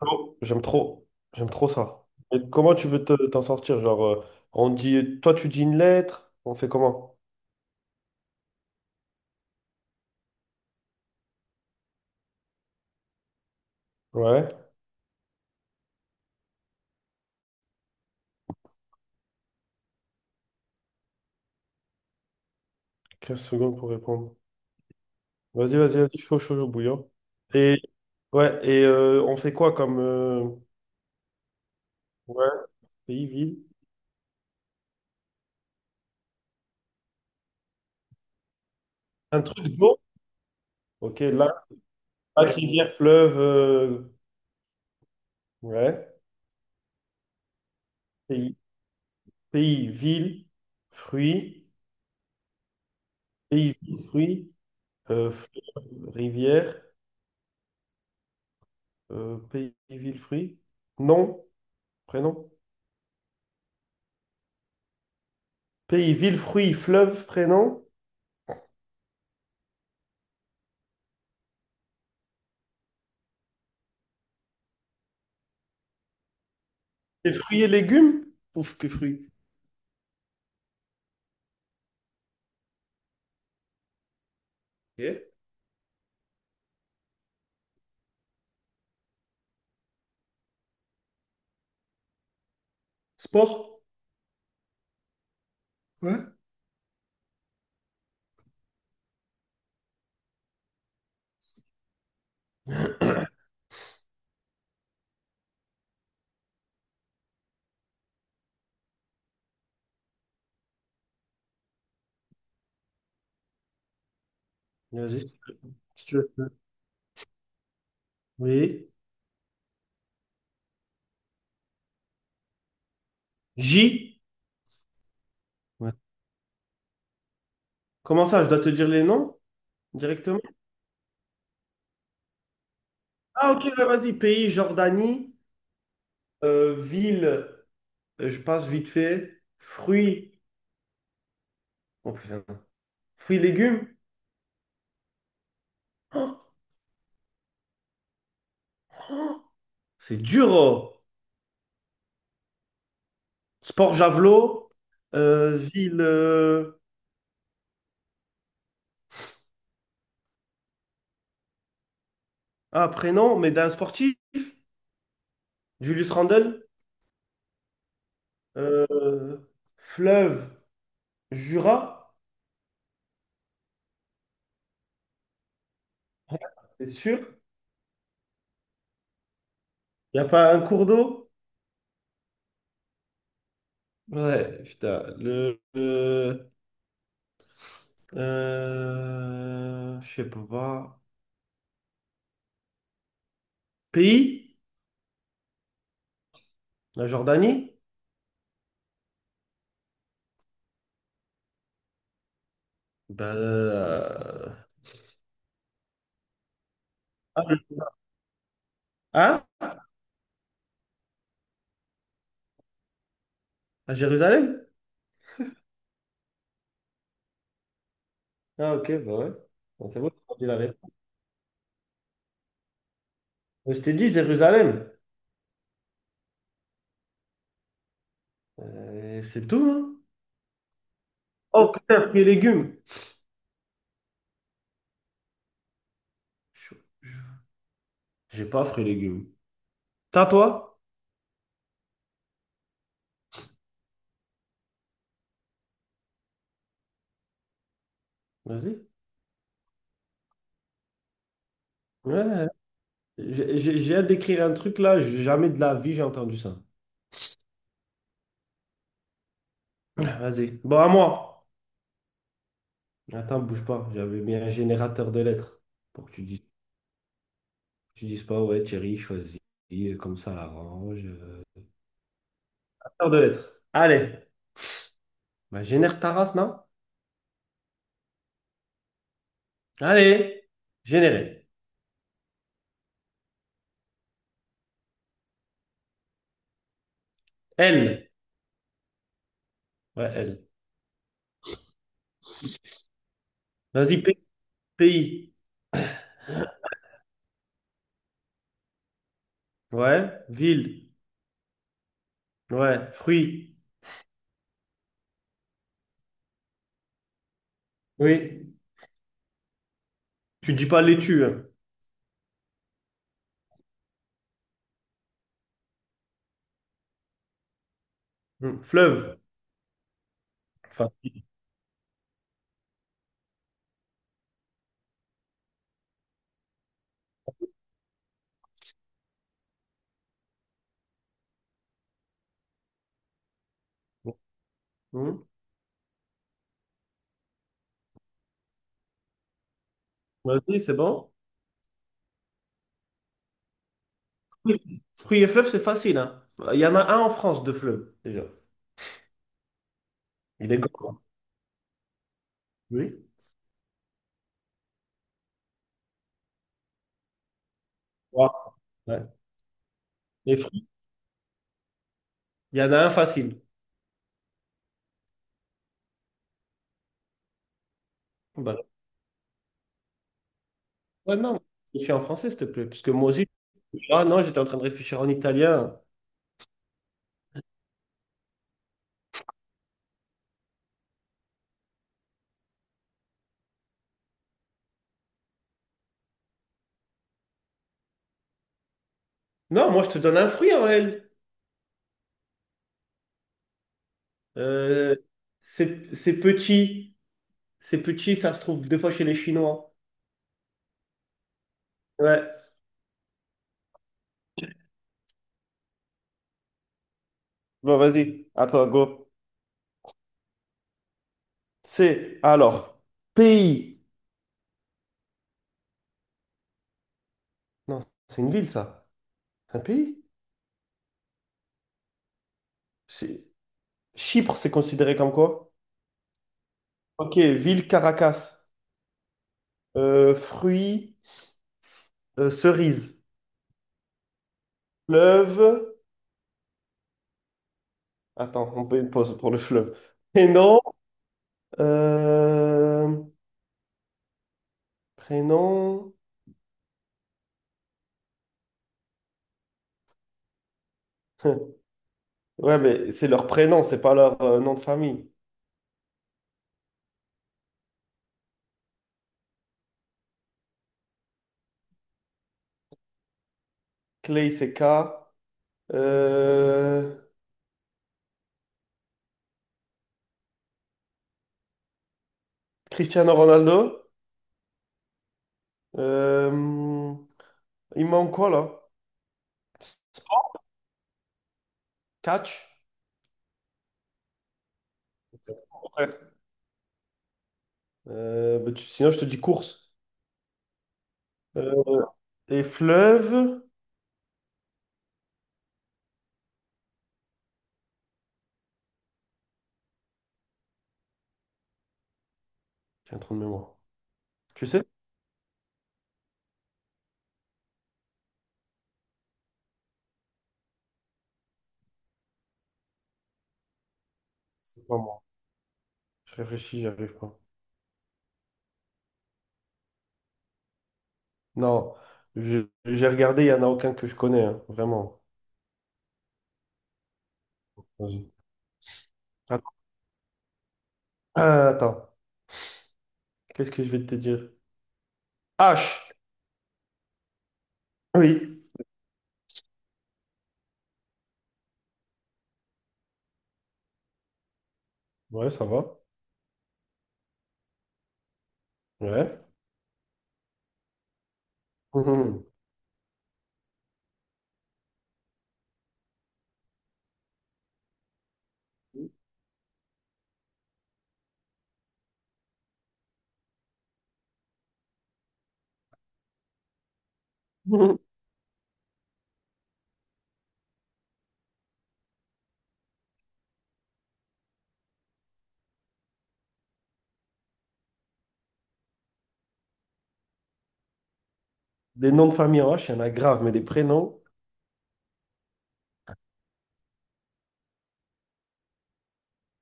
Oh, j'aime trop. J'aime trop ça. Et comment tu veux t'en sortir? On dit, toi, tu dis une lettre, on fait comment? Ouais, 15 secondes pour répondre. Vas-y, vas-y, vas-y, chaud, chaud, chaud, bouillant. Et, ouais, et on fait quoi comme ouais, pays, ville? Un truc d'eau? Ok, lac, lac, rivière, fleuve. Ouais, pays, pays, ville, fruits, pays, ville, fruits, fleuve, rivière, pays, ville, fruits. Nom, prénom. Pays, ville, fruits, fleuve, prénom. Et fruits et légumes? Ouf, que fruits. Ok. Sport? Ouais. Vas-y, si tu veux. Oui. J. Ouais. Comment ça, je dois te dire les noms directement? Ah, ok, ouais, vas-y. Pays, Jordanie. Ville, je passe vite fait. Fruits. Oh putain. Fruits, légumes. C'est dur. Oh. Sport, javelot. Ville. Ah, prénom, mais d'un sportif. Julius Randle. Euh, Fleuve. Jura? C'est sûr? Il n'y a pas un cours d'eau? Ouais, putain. Je sais pas. Pays? La Jordanie? Bah, euh, ah, hein? À Jérusalem? Ah, ok, bah ouais. Bon, c'est bon, j'ai entendu la réponse. Mais je t'ai dit Jérusalem. C'est tout, hein? Oh, putain, fruits et légumes. Chaud. J'ai pas fruits et légumes. T'as toi? Vas-y. Ouais, j'ai hâte d'écrire un truc là, j'ai jamais de la vie j'ai entendu ça. Ah, vas-y. Bon, à moi. Attends, bouge pas. J'avais mis un générateur de lettres pour que tu dises pas, ouais, Thierry, choisis, comme ça, arrange. Générateur de lettres. Allez. Bah, génère ta race, non? Allez. Générer. L. Ouais, L. Vas-y, pays. Ouais. Ville. Ouais. Fruits. Oui. Tu dis pas laitue, hein. Hum. Fleuve. Facile. Hum. Vas-y, c'est bon. Fruits et fleuves, c'est facile, hein. Il y en a un en France de fleuve, déjà. Il est grand. Oui. Ouais. Ouais. Les fruits, il y en a un facile. Bah, ouais, non, je suis en français, s'il te plaît. Parce que moi aussi, ah non, j'étais en train de réfléchir en italien. Non, moi, je te donne un fruit, Aurel. Euh, c'est petit. C'est petit, ça se trouve des fois chez les Chinois. Ouais. Bon, vas-y. Attends, go. C'est, alors, pays. Non, c'est une ville, ça. C'est un pays? C'est- Chypre, c'est considéré comme quoi? Ok, ville Caracas. Fruits, cerises. Fleuve. Attends, on fait une pause pour le fleuve. Prénom. euh, Prénom. Ouais, mais c'est leur prénom, c'est pas leur nom de famille. Clay, c'est K. Euh, Cristiano Ronaldo. Euh, Il manque quoi là? Catch. Ouais. Sinon, je te dis course. Euh, Et fleuve. J'ai un trou de mémoire. Tu sais? C'est pas moi. Je réfléchis, j'y arrive pas. Non, j'ai regardé, il n'y en a aucun que je connais, hein, vraiment. Vas-y. Attends, qu'est-ce que je vais te dire? H. Oui. Ouais, ça va. Ouais. Mhm. Mhm. Des noms de famille en H, il y en a grave, mais des prénoms.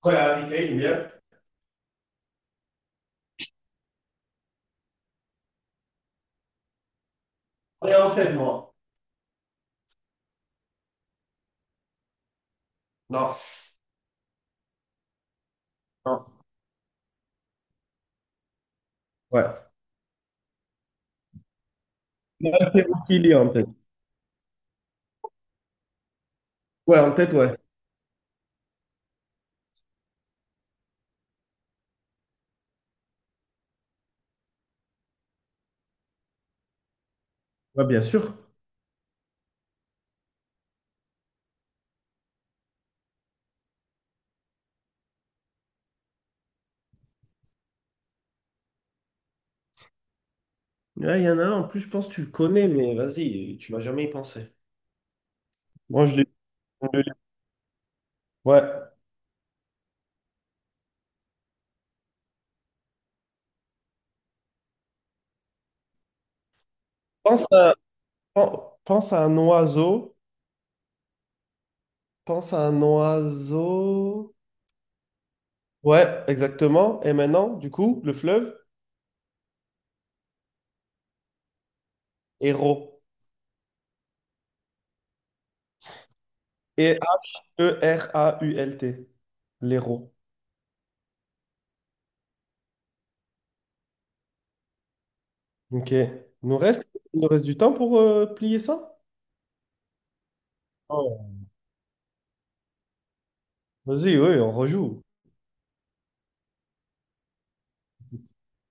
Ouais, Harry Kane, bien. Et en tête, moi. Non, non. Ouais. Ophélie en tête. Ouais, en tête, ouais. Ouais, bien sûr. Ouais, il y en a un, en plus, je pense que tu le connais, mais vas-y, tu vas jamais y penser. Moi, je l'ai. Je l'ai. Ouais. Pense à, pen- Pense à un oiseau. Pense à un oiseau. Ouais, exactement. Et maintenant, du coup, le fleuve, héros. Et AERAULT. L'héros. OK. Il nous reste du temps pour plier ça? Oh. Vas-y, oui, on rejoue.